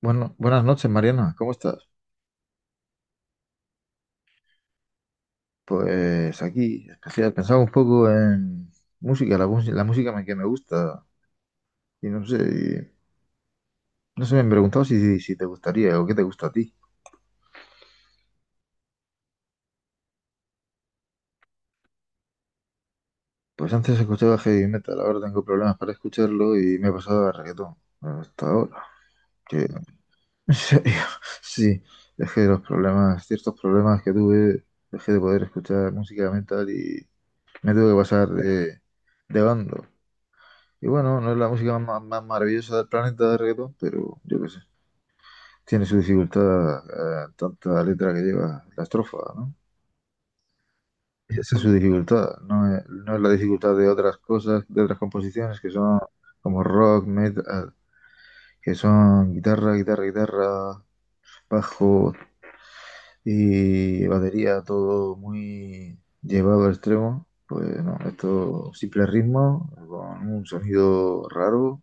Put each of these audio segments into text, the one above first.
Bueno, buenas noches, Mariana. ¿Cómo estás? Pues aquí, especial, pensaba un poco en música, la que me gusta. Y no sé, me han preguntado si te gustaría o qué te gusta a ti. Pues antes escuchaba heavy metal, ahora tengo problemas para escucharlo y me he pasado a reggaetón. Hasta ahora. Que, en serio, sí, es que ciertos problemas que tuve, dejé de poder escuchar música metal y me tuve que pasar de bando. Y bueno, no es la música más maravillosa del planeta de reggaetón, pero yo qué sé. Tiene su dificultad, tanta letra que lleva la estrofa, ¿no? Y esa es su dificultad, no es la dificultad de otras cosas, de otras composiciones que son como rock, metal, que son guitarra, guitarra, guitarra, bajo y batería, todo muy llevado al extremo. Pues no, esto simple ritmo, con un sonido raro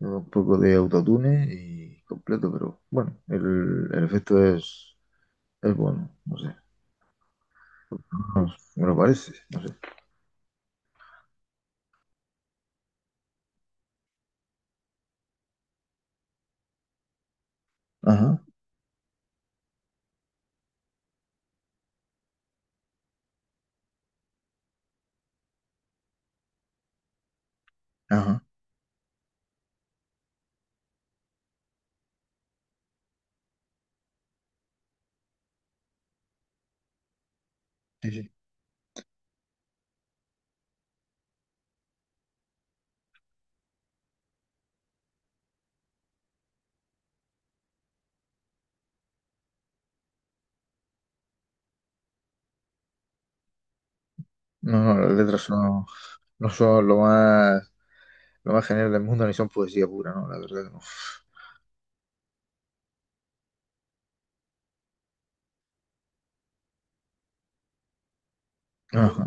un poco de autotune y completo, pero bueno, el efecto es bueno, no sé. No, me lo parece, no sé. Ajá, ajá, sí, sí. No, no, las letras son, no son lo más genial del mundo, ni son poesía pura, ¿no? La verdad que no. Ajá.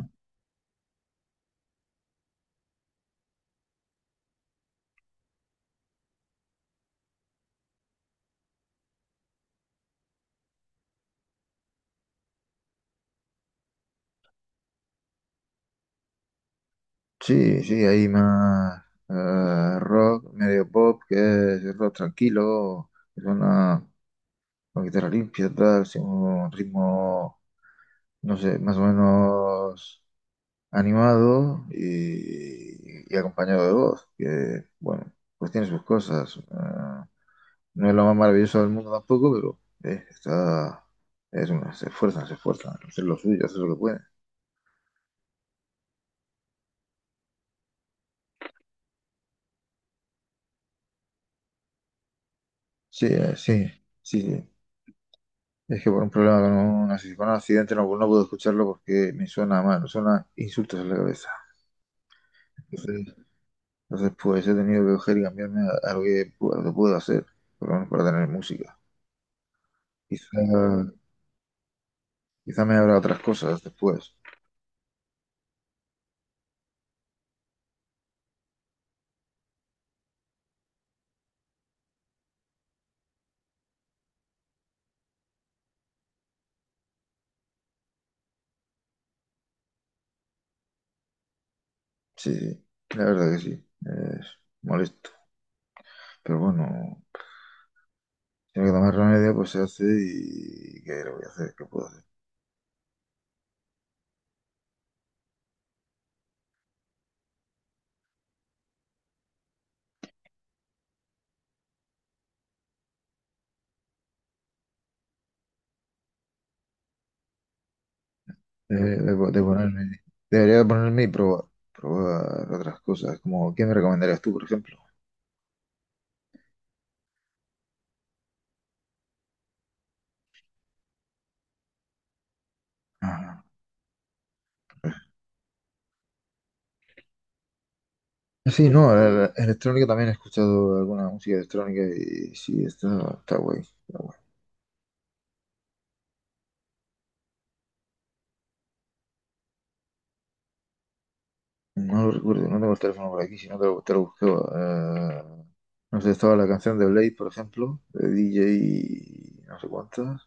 Sí, sí, hay más rock, medio pop, que es rock tranquilo, que suena con guitarra limpia, tal, sin un ritmo, no sé, más o menos animado y acompañado de voz, que bueno, pues tiene sus cosas. Ah, no es lo más maravilloso del mundo tampoco, pero está, es una, se esfuerzan, hacer lo suyo, hacer lo que pueden. Sí, sí, sí, sí. Es que por un problema con un, con un accidente no, no puedo escucharlo porque me suena mal, me suena insultos en la cabeza. Entonces, entonces pues he tenido que coger y cambiarme a lo que puedo, lo puedo hacer, por lo menos para tener música. Quizá, quizá me habrá otras cosas después. Sí, sí, la verdad que sí, es molesto. Pero bueno, si hay que tomar remedio, pues se hace y ¿qué le voy a hacer? ¿Qué puedo hacer? De ponerme, debería de ponerme y probar, probar otras cosas, como ¿qué me recomendarías tú, por ejemplo? Ah, sí, no, la electrónica también he escuchado alguna música electrónica y sí, está, está guay, está guay. No lo recuerdo, no tengo el teléfono por aquí, si no te lo buscaba. Eh, no sé, estaba la canción de Blade, por ejemplo, de DJ no sé cuántas.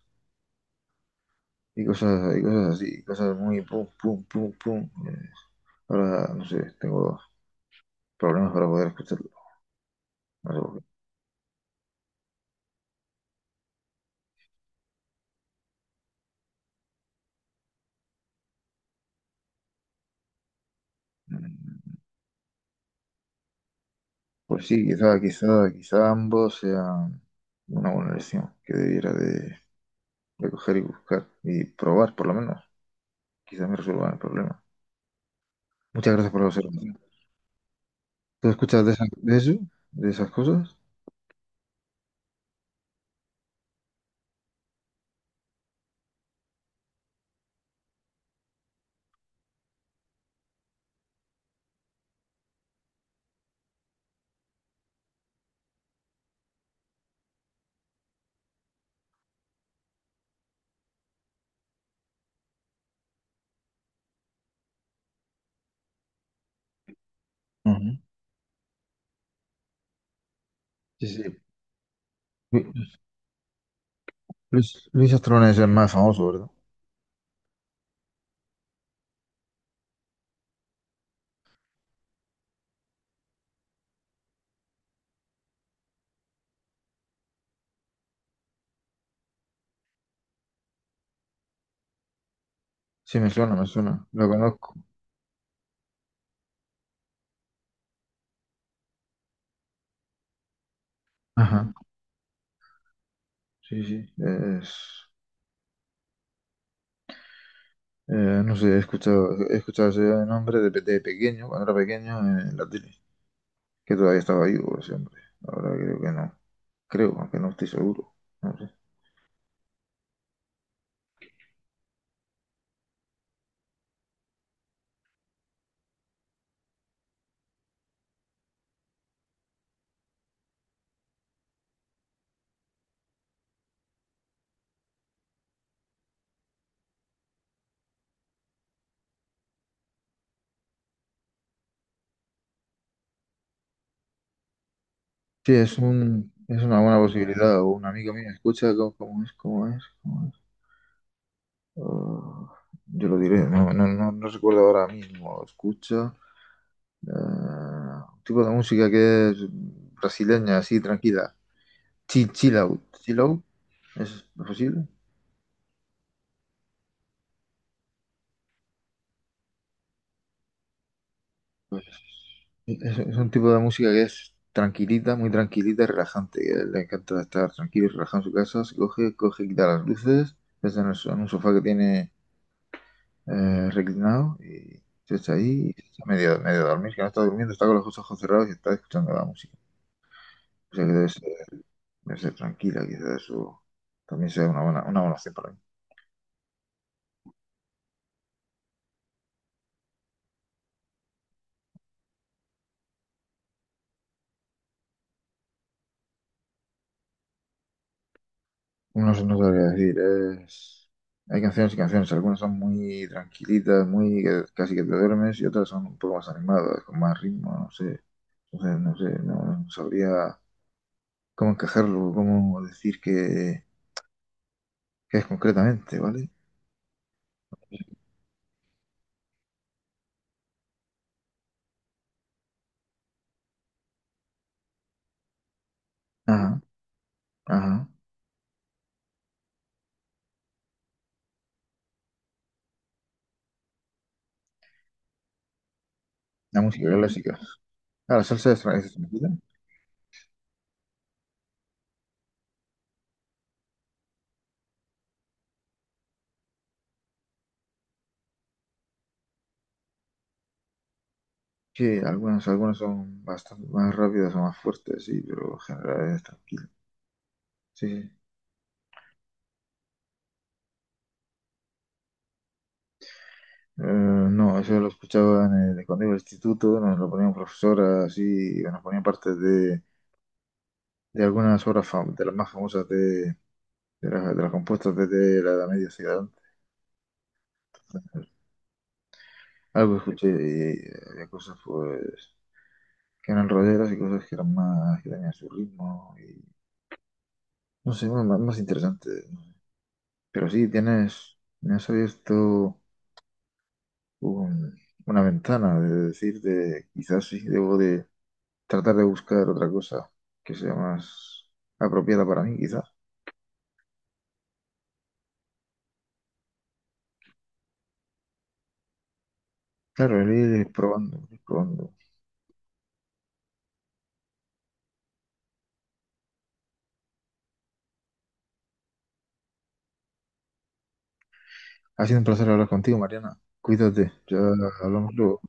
Y cosas, y cosas así, cosas muy pum, pum, pum, pum. Ahora, no sé, tengo problemas para poder escucharlo. No sé por qué. Mm, pues sí, quizá ambos sean una buena lección que debiera de coger y buscar y probar, por lo menos. Quizá me resuelvan el problema. Muchas gracias por la observación. ¿Tú escuchas de eso? ¿De esas cosas? Ujú. Sí, sí. Lu- Luis, Luis Astrón es el más famoso, ¿verdad? Sí, me suena, me suena. Lo conozco. Ajá. Sí, sí. Es... no sé, he escuchado ese nombre de pequeño, cuando era pequeño, en la tele. Que todavía estaba vivo ese hombre. Ahora creo que no. Creo, aunque no estoy seguro. No sé. Sí, es un, es una buena posibilidad. O un amigo mío escucha cómo, cómo es, cómo es, cómo es. Oh, yo lo diré, no, no, no, no recuerdo ahora mismo. Escucha. eh, un tipo de música que es brasileña, así, tranquila. Chill out. Chill out. ¿Es posible? Pues es un tipo de música que es tranquilita, muy tranquilita y relajante. Que le encanta estar tranquilo y relajado en su casa. Se coge, coge, quita las luces, se está en, en un sofá que tiene reclinado y se echa ahí y se echa medio, medio a dormir, que no está durmiendo, está con los ojos cerrados y está escuchando la música. O sea que debe ser tranquila, quizás eso también sea una buena opción para mí. No sé, no sabría decir. Es... Hay canciones y canciones. Algunas son muy tranquilitas, muy que casi que te duermes, y otras son un poco más animadas, con más ritmo, no sé. Entonces, no sé, no, no sabría cómo encajarlo, cómo decir que es concretamente, ¿vale? Ajá, ajá. La música clásica. Ah, la salsa es, es tranquila. Sí, algunas, algunas son bastante más rápidas o más fuertes, sí, pero en general es tranquila. Sí, sí. No, eso lo escuchaba en el, cuando iba al instituto, nos lo ponían profesoras así, y nos ponían partes de algunas obras de las más famosas de las compuestas desde la Edad Media Ciudad. Algo escuché y había cosas pues que eran rolleras y cosas que eran más, que tenían su ritmo y no sé, más interesante. Pero sí, tienes, me has abierto un- una ventana de decir de quizás sí debo de tratar de buscar otra cosa que sea más apropiada para mí, quizás. Claro, el ir probando, el ir probando. Ha sido un placer hablar contigo, Mariana. Cuídate, ya hablamos luego.